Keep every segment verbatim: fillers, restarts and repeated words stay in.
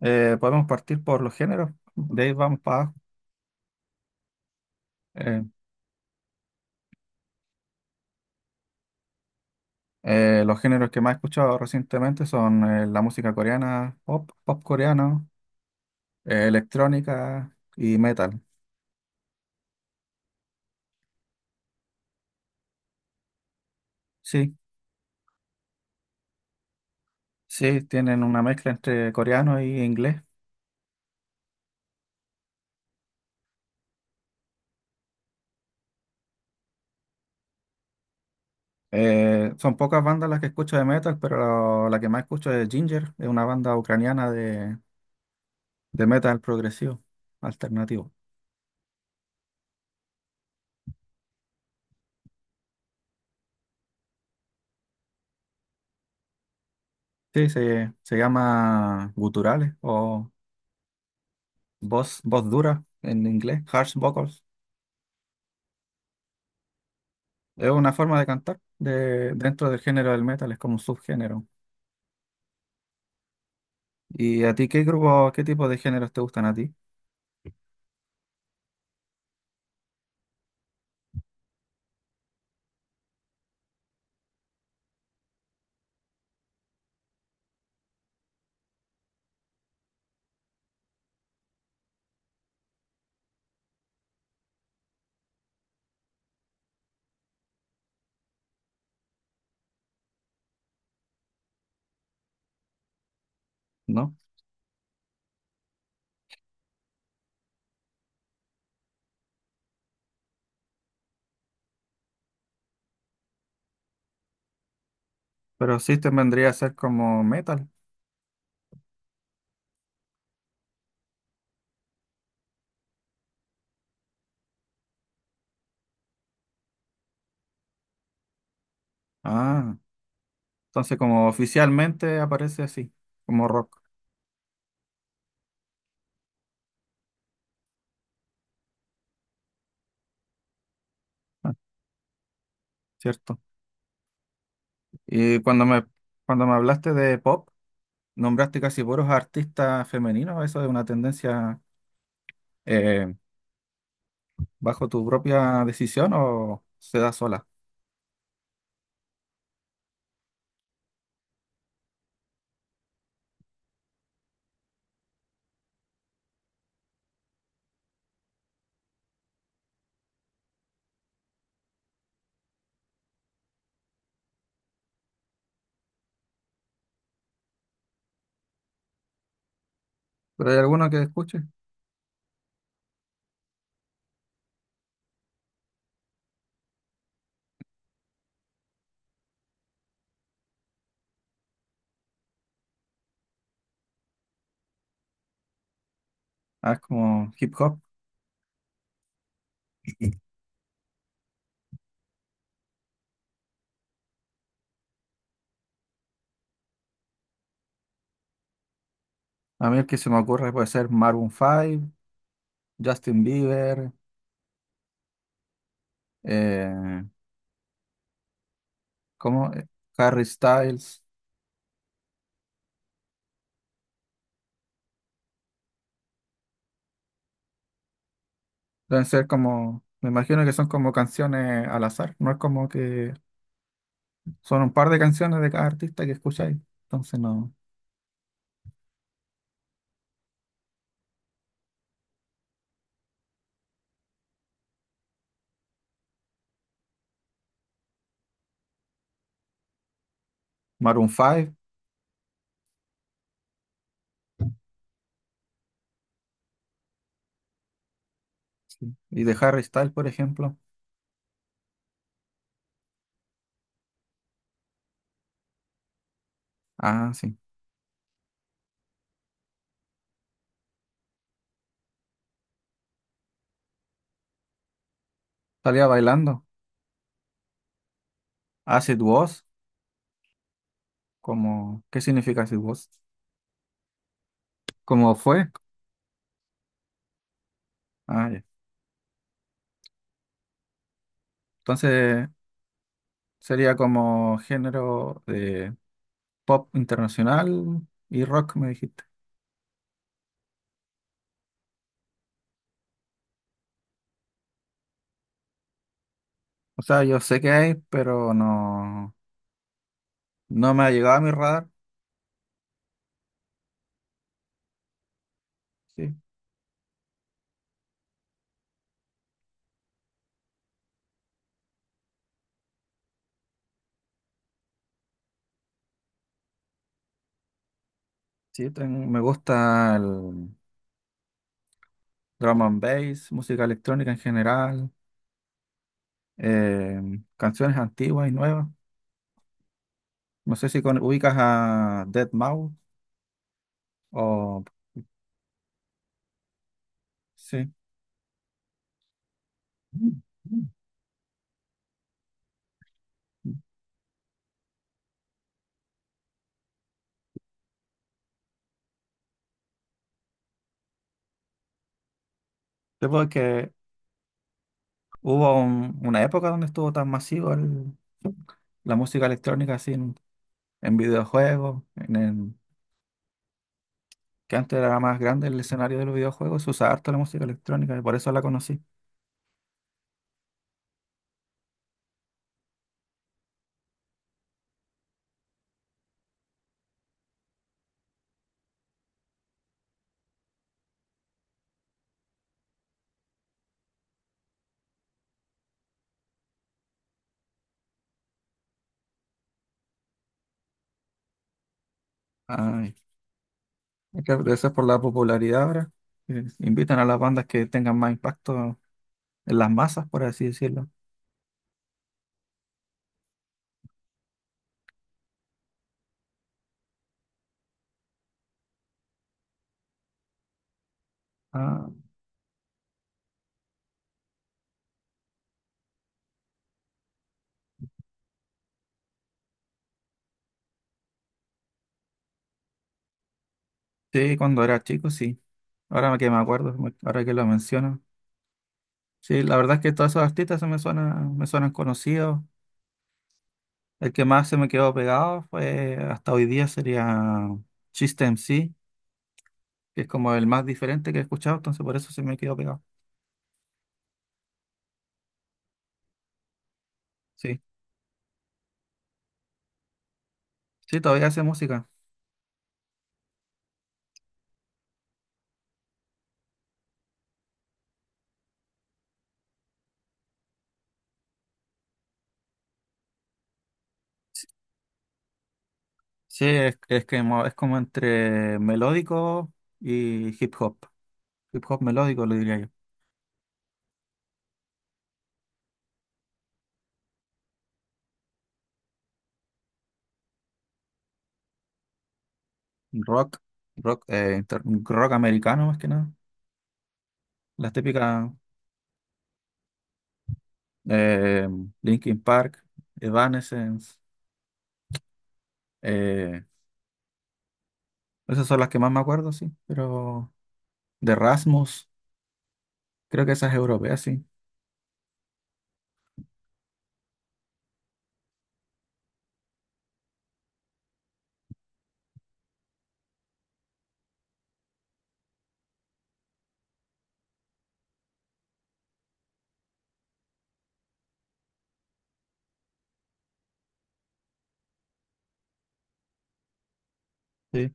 Eh, podemos partir por los géneros, de ahí vamos para abajo. Eh, eh, los géneros que más he escuchado recientemente son eh, la música coreana, pop, pop coreano, eh, electrónica y metal. Sí, sí, tienen una mezcla entre coreano y inglés. Eh, son pocas bandas las que escucho de metal, pero la que más escucho es Ginger, es una banda ucraniana de, de metal progresivo, alternativo. Sí, se, se llama guturales o voz, voz dura en inglés, harsh vocals. Es una forma de cantar de, dentro del género del metal, es como un subgénero. ¿Y a ti qué grupo, qué tipo de géneros te gustan a ti? ¿No? Pero System vendría a ser como metal. Ah, entonces como oficialmente aparece así, como rock. Ah, cierto. Y cuando me, cuando me hablaste de pop, nombraste casi puros artistas femeninos. ¿Eso es una tendencia eh, bajo tu propia decisión o se da sola? ¿Pero hay alguno que escuche? Ah, es como hip hop. A mí el que se me ocurre puede ser Maroon cinco, Justin Bieber, eh, ¿cómo? Eh, Harry Styles. Deben ser como, me imagino que son como canciones al azar, no es como que son un par de canciones de cada artista que escucháis. Entonces no. Maroon cinco, sí. Y de Harry Styles, por ejemplo. Ah, sí. Salía bailando. Acid Was, como, ¿qué significa Acid Was? ¿Cómo fue? Ah, ya. Entonces sería como género pop internacional y rock, me dijiste. O sea, yo sé que hay, pero no, no me ha llegado a mi radar. Sí, sí, tengo- Me gusta el drum and bass, música electrónica en general, eh, canciones antiguas y nuevas. No sé si con- ubicas a deadmau o... Sí. Sí, porque hubo un- una época donde estuvo tan masivo el- la música electrónica así en, en videojuegos, en, que antes era más grande el escenario de los videojuegos, se usaba harto la música electrónica y por eso la conocí. Ay, es que debe ser por la popularidad ahora, que invitan a las bandas que tengan más impacto en las masas, por así decirlo. Ah, sí, cuando era chico, sí. Ahora que me acuerdo, me- ahora que lo menciono. Sí, la verdad es que todos esos artistas se me suenan, me suenan conocidos. El que más se me quedó pegado fue hasta hoy día sería System M C, que es como el más diferente que he escuchado, entonces por eso se me quedó pegado. Sí, sí, todavía hace música. Sí, es, es que mo- es como entre melódico y hip hop. Hip hop melódico, lo diría yo. Rock, rock, eh, inter- rock americano más que nada. Las típicas eh, Linkin Park, Evanescence, eh, esas son las que más me acuerdo, sí. Pero de Rasmus, creo que esas europeas, sí. Sí.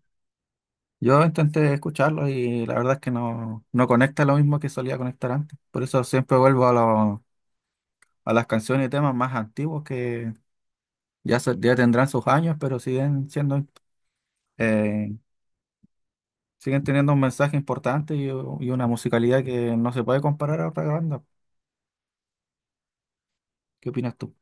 Yo intenté escucharlo y la verdad es que no, no conecta lo mismo que solía conectar antes. Por eso siempre vuelvo a, lo- a las canciones y temas más antiguos. Ya, se- ya tendrán sus años, pero siguen siendo, eh, siguen teniendo un mensaje importante y, y una musicalidad que no se puede comparar a otra banda. ¿Qué opinas tú?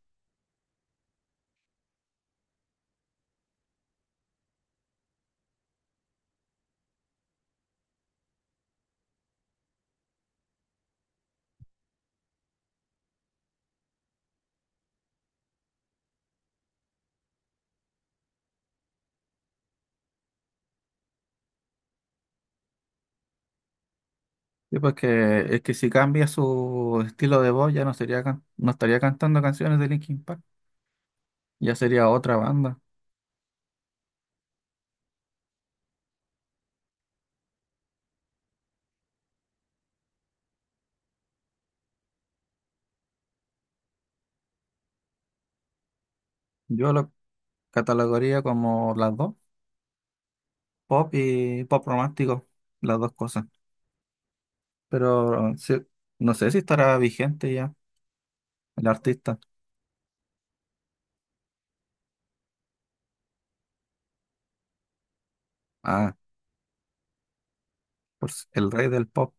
Sí, pues que, es que si cambia su estilo de voz ya no sería can- no estaría cantando canciones de Linkin Park, ya sería otra banda. Yo lo catalogaría como las dos, pop y pop romántico, las dos cosas. Pero sí, no sé si estará vigente ya el artista. Ah, pues el rey del pop.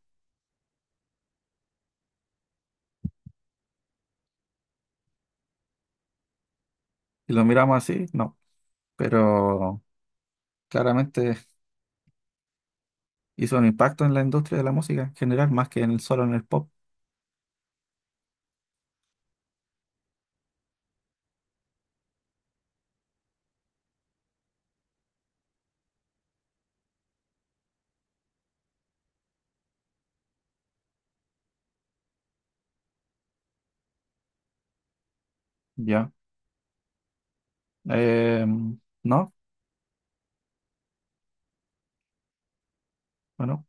Si lo miramos así, no. Pero claramente hizo un impacto en la industria de la música en general, más que en el solo en el pop. Ya. Em, no, bueno.